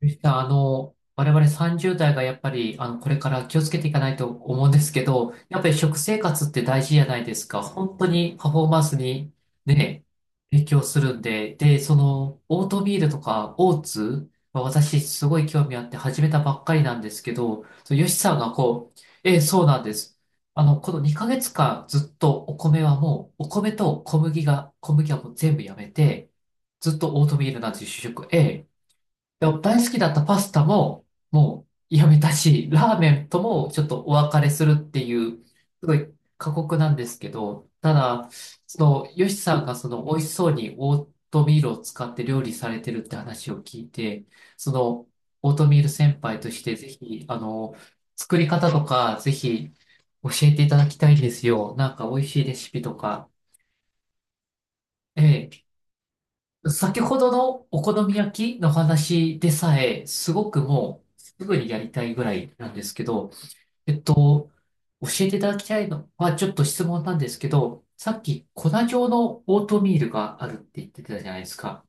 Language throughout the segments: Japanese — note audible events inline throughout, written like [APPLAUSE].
ゆ田さん、我々30代がやっぱり、これから気をつけていかないと思うんですけど、やっぱり食生活って大事じゃないですか。本当にパフォーマンスにね、影響するんで、オートミールとかオーツは私すごい興味あって始めたばっかりなんですけど、そう、ヨシさんがこう、ええ、そうなんです。あの、この2ヶ月間ずっとお米はもう、お米と小麦が、小麦はもう全部やめて、ずっとオートミールなんですよ、主食。で大好きだったパスタももうやめたし、ラーメンともちょっとお別れするっていう、すごい過酷なんですけど、ただ、ヨシさんがその、美味しそうにオートミールを使って料理されてるって話を聞いて、その、オートミール先輩としてぜひ、作り方とか、ぜひ、教えていただきたいんですよ。なんか美味しいレシピとか。ええ、先ほどのお好み焼きの話でさえ、すごくもう、すぐにやりたいぐらいなんですけど、えっと、教えていただきたいのは、ちょっと質問なんですけど、さっき粉状のオートミールがあるって言ってたじゃないですか。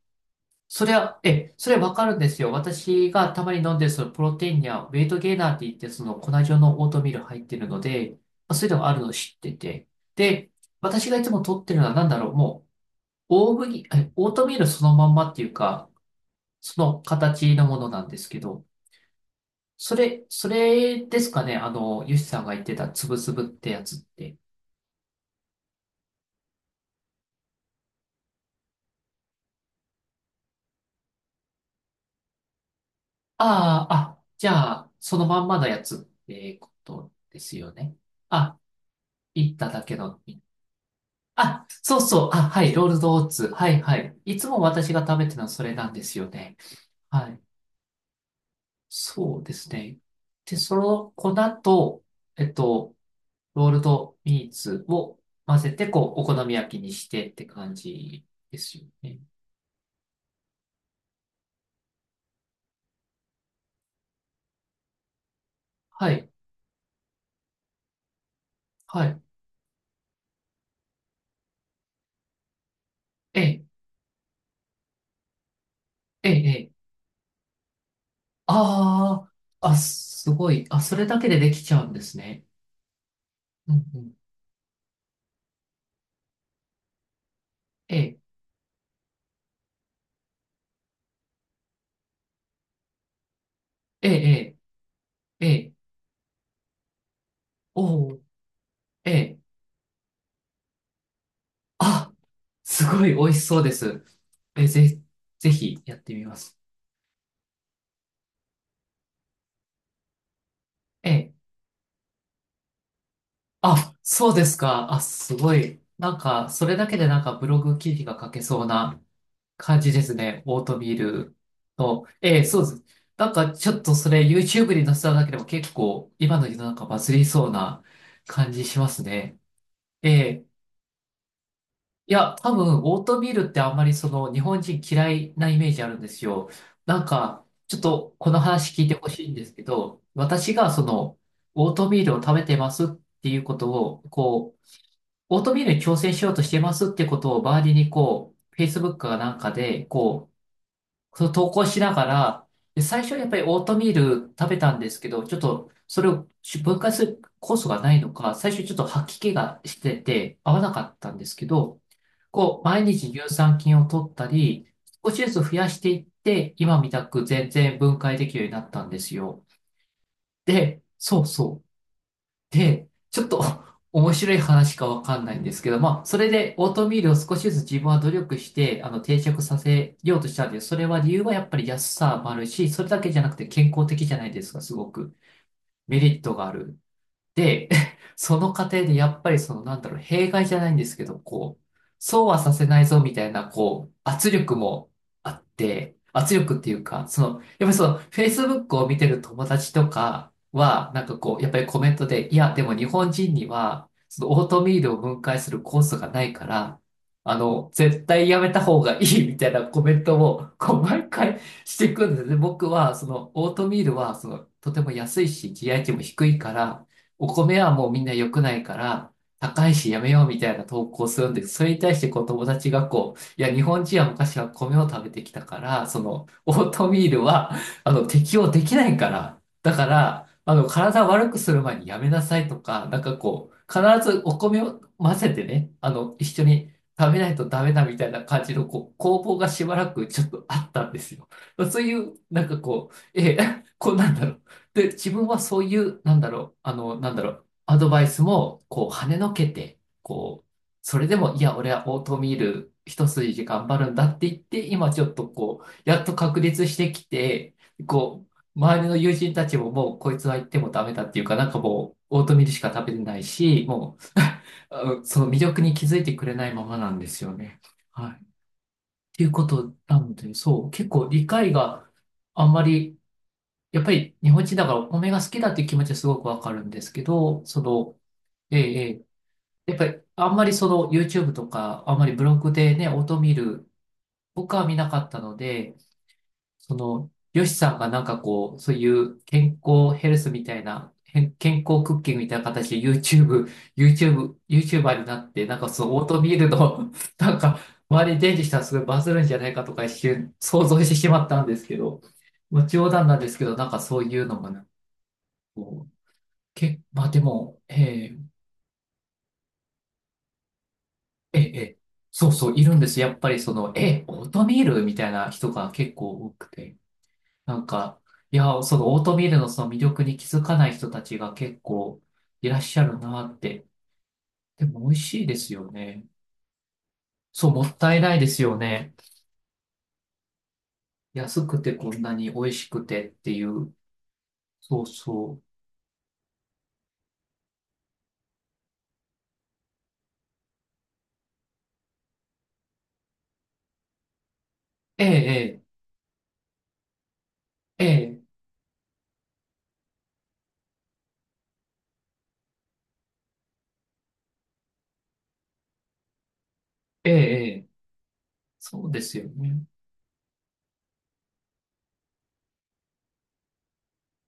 それは、それはわかるんですよ。私がたまに飲んでるそのプロテインやウェイトゲーナーって言って、その粉状のオートミール入ってるので、まあそういうのがあるのを知ってて。で、私がいつも取ってるのは何だろう。もう大麦、オートミールそのまんまっていうか、その形のものなんですけど、それですかね、あの、ヨシさんが言ってたつぶつぶってやつって。ああ、あ、じゃあ、そのまんまのやつってことですよね。あ、いっただけの。あ、そうそう、あ、はい、ロールドオーツ。はい、はい。いつも私が食べてるのはそれなんですよね。はい。そうですね。で、その粉と、えっと、ロールドミーツを混ぜて、こう、お好み焼きにしてって感じですよね。はい、はい。ええ、ええ、ええ。ああ、あ、すごい。あ、それだけでできちゃうんですね。うん、うん。ええ、ええ、ええ、ええ、おお、ええ。あ、すごい美味しそうです。え、ぜ、ぜひやってみます。ええ。あ、そうですか。あ、すごい。なんか、それだけでなんかブログ記事が書けそうな感じですね。オートミールと。ええ、そうです。なんかちょっとそれ YouTube に載せただけでも結構今の世の中バズりそうな感じしますね。ええ。いや、多分オートミールってあんまりその日本人嫌いなイメージあるんですよ。なんかちょっとこの話聞いてほしいんですけど、私がそのオートミールを食べてますっていうことを、こう、オートミールに挑戦しようとしてますってことを周りにこう、Facebook かなんかでこう、その投稿しながら、で最初はやっぱりオートミール食べたんですけど、ちょっとそれを分解する酵素がないのか、最初ちょっと吐き気がしてて合わなかったんですけど、こう、毎日乳酸菌を取ったり、少しずつ増やしていって、今みたく全然分解できるようになったんですよ。で、そうそう。で、ちょっと [LAUGHS] 面白い話かわかんないんですけど、まあ、それでオートミールを少しずつ自分は努力して、定着させようとしたんです。それは理由はやっぱり安さもあるし、それだけじゃなくて健康的じゃないですか、すごく。メリットがある。で、[LAUGHS] その過程でやっぱりそのなんだろう、弊害じゃないんですけど、こう、そうはさせないぞみたいな、こう、圧力もあって、圧力っていうか、その、やっぱりその、Facebook を見てる友達とかは、なんかこう、やっぱりコメントで、いや、でも日本人には、そのオートミールを分解するコースがないから、絶対やめた方がいいみたいなコメントを、こう、毎回していくんですね。僕は、その、オートミールは、その、とても安いし、GI 値も低いから、お米はもうみんな良くないから、高いしやめようみたいな投稿するんです。それに対してこう友達がこう、いや、日本人は昔は米を食べてきたから、その、オートミールは、適応できないから、だから、体悪くする前にやめなさいとか、なんかこう、必ずお米を混ぜてね、あの、一緒に食べないとダメだみたいな感じの、こう、攻防がしばらくちょっとあったんですよ。そういう、なんかこう、え、[LAUGHS] こんなんだろう。で、自分はそういう、なんだろう、アドバイスも、こう、跳ねのけて、こう、それでも、いや、俺はオートミール一筋で頑張るんだって言って、今ちょっとこう、やっと確立してきて、こう、周りの友人たちももう、こいつは言ってもダメだっていうか、なんかもう、オートミールしか食べてないし、もう、あのその魅力に気づいてくれないままなんですよね。はい。っていうことなので、そう、結構理解があんまり、やっぱり日本人だからお米が好きだっていう気持ちはすごくわかるんですけど、ええ、ええやっぱりあんまりその YouTube とか、あんまりブログでね、音見る、僕は見なかったので、その、ヨシさんがなんかこう、そういう健康ヘルスみたいな、健康クッキングみたいな形で YouTuber になって、なんかそのオートミールの、[LAUGHS] なんか周りに伝授したらすごいバズるんじゃないかとか一瞬想像してしまったんですけど、まあ冗談なんですけど、なんかそういうのがね、こうけ、まあでも、えーえーそうそう、いるんです。やっぱりその、オートミールみたいな人が結構多くて。なんか、いや、そのオートミールのその魅力に気づかない人たちが結構いらっしゃるなって。でも美味しいですよね。そう、もったいないですよね。安くてこんなに美味しくてっていう。そうそう。ええええええええ、そうですよね。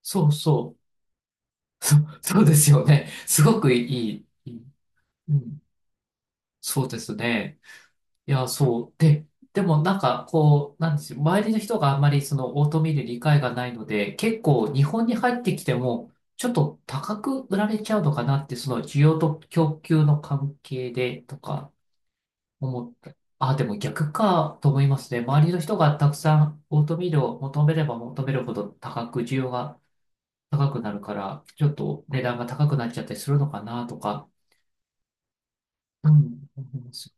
そうそう。そう、そうですよね。すごくいい。うん、そうですね。いや、そう。でもなんか、こう、なんですよ。周りの人があんまりそのオートミール理解がないので、結構日本に入ってきても、ちょっと高く売られちゃうのかなって、その需要と供給の関係でとか思った。あ、でも逆かと思いますね。周りの人がたくさんオートミールを求めれば求めるほど高く、需要が高くなるから、ちょっと値段が高くなっちゃったりするのかなとか、うん、思います。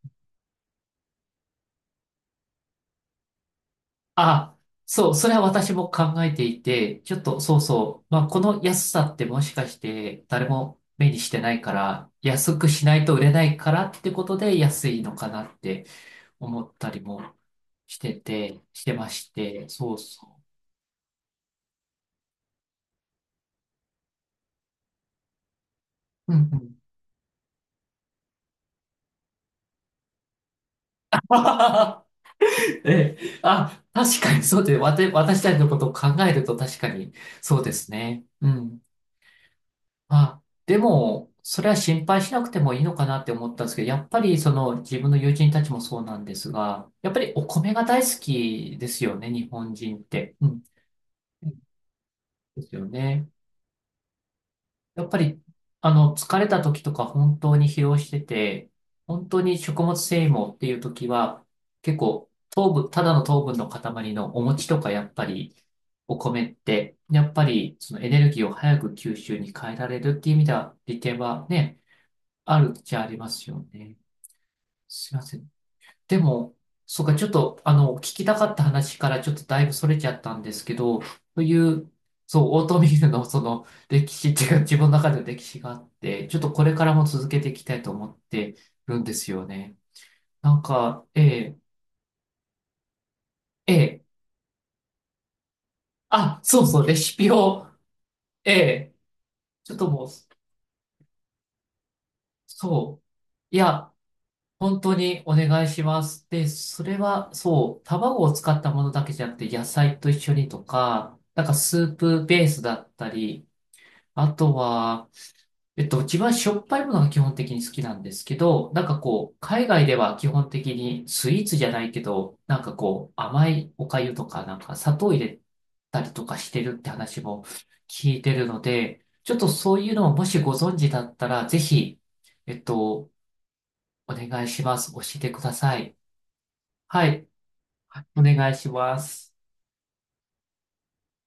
あ、そう、それは私も考えていて、ちょっとそうそう、まあ、この安さってもしかして誰も目にしてないから、安くしないと売れないからってことで安いのかなって思ったりもしてて、してまして、そうそう。うんうん。[LAUGHS] ええ、あ、確かにそうで、私たちのことを考えると確かにそうですね。うん。あ、でも、それは心配しなくてもいいのかなって思ったんですけど、やっぱりその自分の友人たちもそうなんですが、やっぱりお米が大好きですよね、日本人って。うん。ですよね。やっぱり、疲れた時とか本当に疲労してて、本当に食物繊維もっていう時は、結構糖分、ただの糖分の塊のお餅とかやっぱり、お米って、やっぱりそのエネルギーを早く吸収に変えられるっていう意味では、利点はね、あるっちゃありますよね。すいません。でも、そうか、ちょっと、聞きたかった話からちょっとだいぶそれちゃったんですけど、そういう、そう、オートミールのその歴史っていうか、自分の中での歴史があって、ちょっとこれからも続けていきたいと思ってるんですよね。なんか、ええ、ええ、あ、そうそう、レシピを、ええ、ちょっともう、そう、いや、本当にお願いします。で、それは、そう、卵を使ったものだけじゃなくて、野菜と一緒にとか、なんかスープベースだったり、あとは、自分はしょっぱいものが基本的に好きなんですけど、なんかこう、海外では基本的にスイーツじゃないけど、なんかこう、甘いお粥とか、なんか砂糖入れたりとかしてるって話も聞いてるので、ちょっとそういうのをもしご存知だったら、ぜひ、えっと、お願いします。教えてください。はい。はい、お願いします。